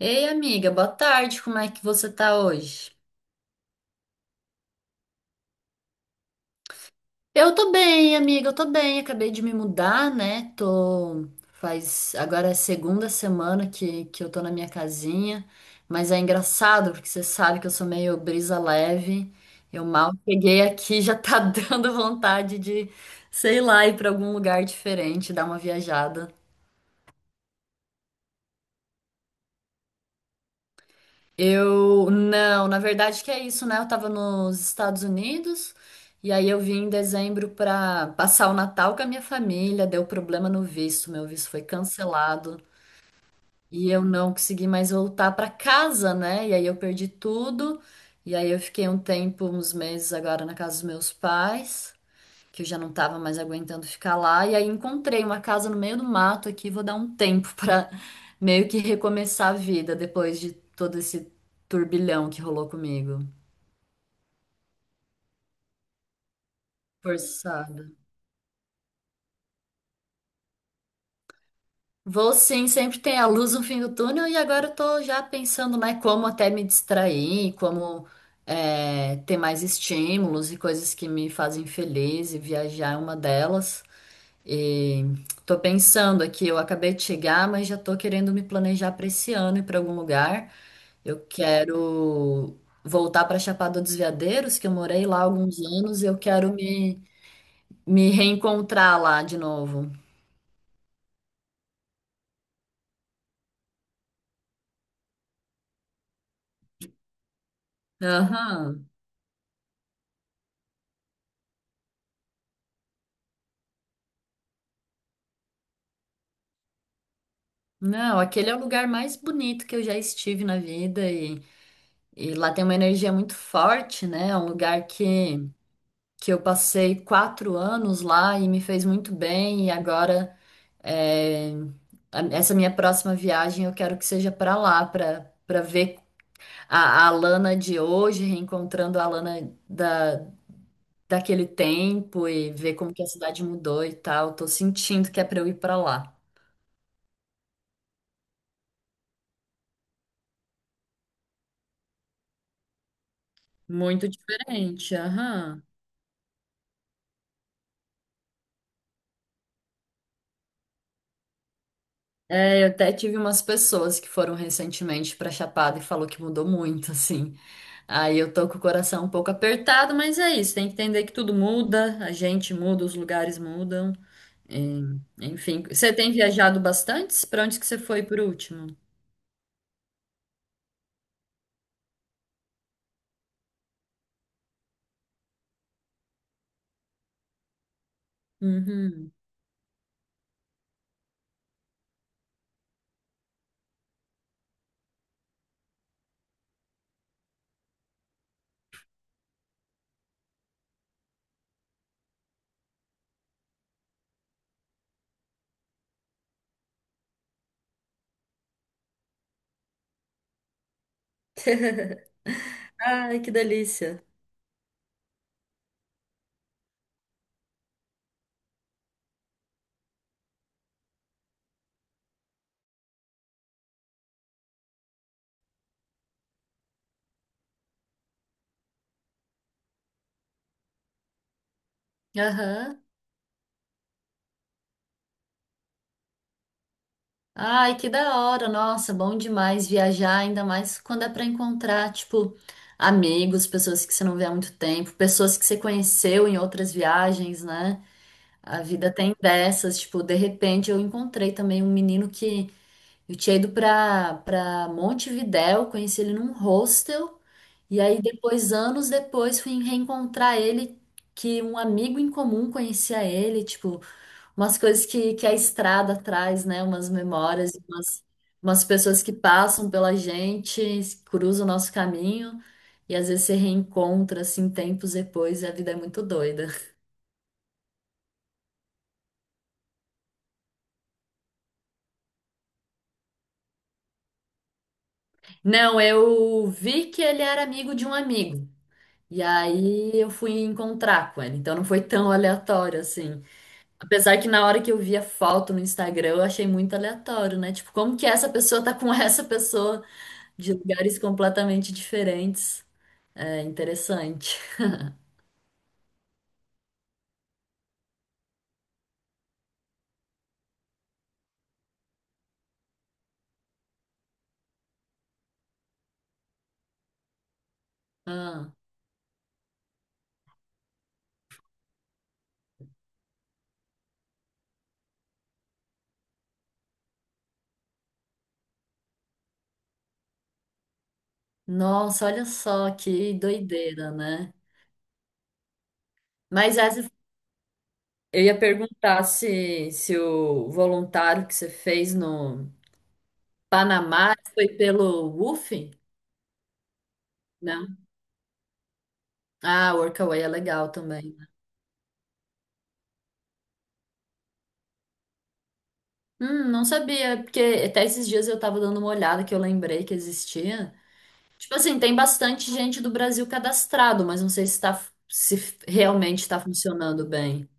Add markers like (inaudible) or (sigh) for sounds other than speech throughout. Ei, amiga, boa tarde. Como é que você tá hoje? Eu tô bem, amiga, eu tô bem. Acabei de me mudar, né? Tô. Faz. Agora é a segunda semana que eu tô na minha casinha. Mas é engraçado, porque você sabe que eu sou meio brisa leve. Eu mal cheguei aqui, já tá (laughs) dando vontade de, sei lá, ir pra algum lugar diferente, dar uma viajada. Eu não, na verdade que é isso, né? Eu tava nos Estados Unidos e aí eu vim em dezembro pra passar o Natal com a minha família, deu problema no visto, meu visto foi cancelado e eu não consegui mais voltar pra casa, né? E aí eu perdi tudo. E aí eu fiquei um tempo, uns meses agora na casa dos meus pais que eu já não tava mais aguentando ficar lá. E aí encontrei uma casa no meio do mato aqui, vou dar um tempo (laughs) pra meio que recomeçar a vida depois de todo esse turbilhão que rolou comigo. Forçado. Vou sim, sempre tem a luz no fim do túnel e agora eu tô já pensando, né, como até me distrair, como ter mais estímulos e coisas que me fazem feliz e viajar é uma delas. E tô pensando aqui, eu acabei de chegar, mas já tô querendo me planejar para esse ano e para algum lugar. Eu quero voltar para Chapada dos Veadeiros, que eu morei lá há alguns anos, e eu quero me reencontrar lá de novo. Aham. Não, aquele é o lugar mais bonito que eu já estive na vida e lá tem uma energia muito forte, né? É um lugar que eu passei quatro anos lá e me fez muito bem e agora É, essa minha próxima viagem eu quero que seja para lá, para para ver a Alana de hoje, reencontrando a Alana daquele tempo e ver como que a cidade mudou e tal. Tô sentindo que é para eu ir para lá. Muito diferente, aham. Eu até tive umas pessoas que foram recentemente para Chapada e falou que mudou muito, assim. Aí eu tô com o coração um pouco apertado, mas é isso, tem que entender que tudo muda, a gente muda, os lugares mudam. É, enfim, você tem viajado bastante? Para onde que você foi por último? Uhum. (laughs) Ai, que delícia. Aham. Ai, que da hora, nossa, bom demais viajar, ainda mais quando é para encontrar, tipo, amigos, pessoas que você não vê há muito tempo, pessoas que você conheceu em outras viagens, né? A vida tem dessas, tipo, de repente eu encontrei também um menino que eu tinha ido pra Montevidéu, conheci ele num hostel, e aí depois, anos depois, fui reencontrar ele, que um amigo em comum conhecia ele, tipo, umas coisas que a estrada traz, né? Umas memórias, umas, umas pessoas que passam pela gente, cruzam o nosso caminho, e às vezes se reencontra, assim, tempos depois, e a vida é muito doida. Não, eu vi que ele era amigo de um amigo. E aí eu fui encontrar com ela, então não foi tão aleatório assim. Apesar que na hora que eu vi a foto no Instagram, eu achei muito aleatório, né? Tipo, como que essa pessoa tá com (laughs) essa pessoa de lugares completamente diferentes? É interessante. Ah, nossa, olha só que doideira, né? Mas essa, eu ia perguntar se o voluntário que você fez no Panamá foi pelo WUF? Não. Ah, Workaway é legal também. Não sabia, porque até esses dias eu tava dando uma olhada que eu lembrei que existia. Tipo assim, tem bastante gente do Brasil cadastrado, mas não sei se tá, se realmente tá funcionando bem.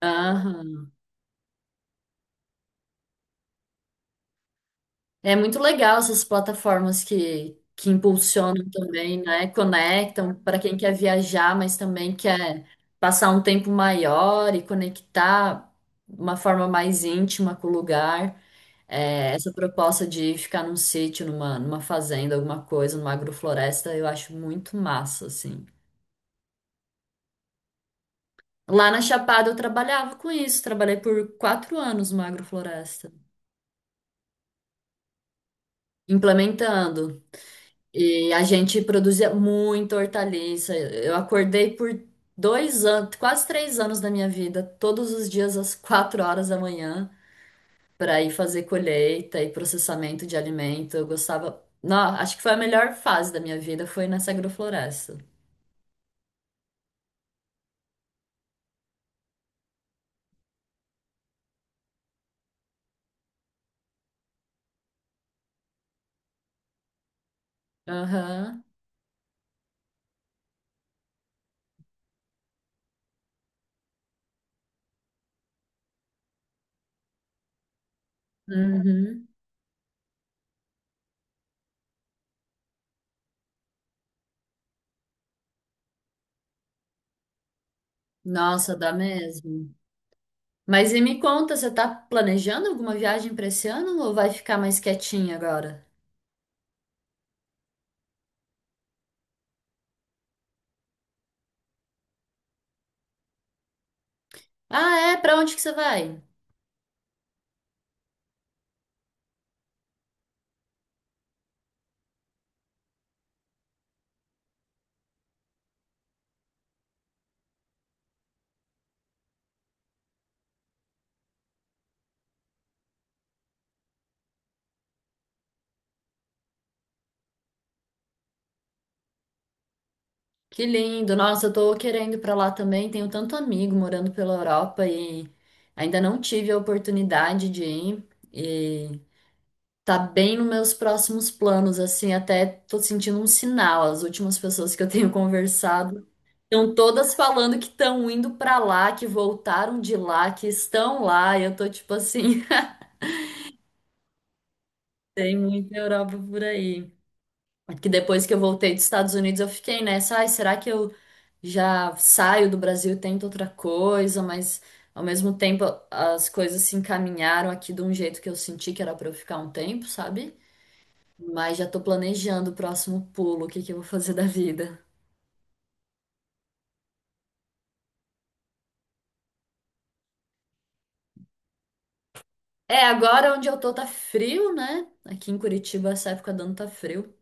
Aham. É muito legal essas plataformas que impulsionam também, né? Conectam para quem quer viajar, mas também quer passar um tempo maior e conectar uma forma mais íntima com o lugar. É, essa proposta de ficar num sítio, numa fazenda, alguma coisa, numa agrofloresta, eu acho muito massa, assim. Lá na Chapada eu trabalhava com isso, trabalhei por quatro anos numa agrofloresta, implementando. E a gente produzia muita hortaliça. Eu acordei por dois anos, quase três anos da minha vida, todos os dias às (laughs) quatro horas da manhã, para ir fazer colheita e processamento de alimento. Eu gostava. Não, acho que foi a melhor fase da minha vida, foi nessa agrofloresta. Aham. Uhum. Nossa, dá mesmo. Mas e me conta, você tá planejando alguma viagem pra esse ano ou vai ficar mais quietinha agora? Ah, é? Pra onde que você vai? Que lindo. Nossa, eu tô querendo ir pra lá também. Tenho tanto amigo morando pela Europa e ainda não tive a oportunidade de ir. E tá bem nos meus próximos planos, assim, até tô sentindo um sinal. As últimas pessoas que eu tenho (laughs) conversado estão todas falando que estão indo pra lá, que voltaram de lá, que estão lá. E eu tô tipo assim, (laughs) tem muita Europa por aí. Que depois que eu voltei dos Estados Unidos, eu fiquei nessa, ai, será que eu já saio do Brasil e tento outra coisa? Mas ao mesmo tempo as coisas se encaminharam aqui de um jeito que eu senti que era pra eu ficar um tempo, sabe? Mas já tô planejando o próximo pulo, o que que eu vou fazer da vida. É, agora onde eu tô tá frio, né? Aqui em Curitiba, essa época do ano tá frio.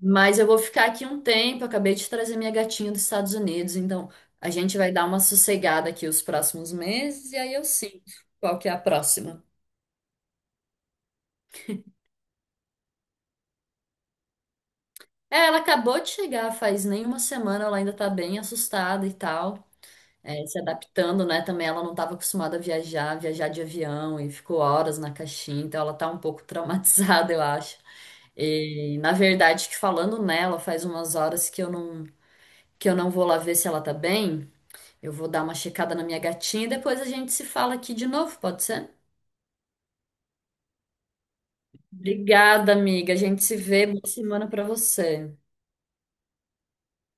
Mas eu vou ficar aqui um tempo. Eu acabei de trazer minha gatinha dos Estados Unidos, então a gente vai dar uma sossegada aqui os próximos meses e aí eu sinto qual que é a próxima. É, ela acabou de chegar faz nem uma semana, ela ainda tá bem assustada e tal, é, se adaptando, né? Também ela não estava acostumada a viajar, viajar de avião e ficou horas na caixinha, então ela tá um pouco (laughs) traumatizada, eu acho. E na verdade, que falando nela, faz umas horas que eu não vou lá ver se ela tá bem. Eu vou dar uma checada na minha gatinha e depois a gente se fala aqui de novo, pode ser? Obrigada, amiga. A gente se vê. Boa semana pra você.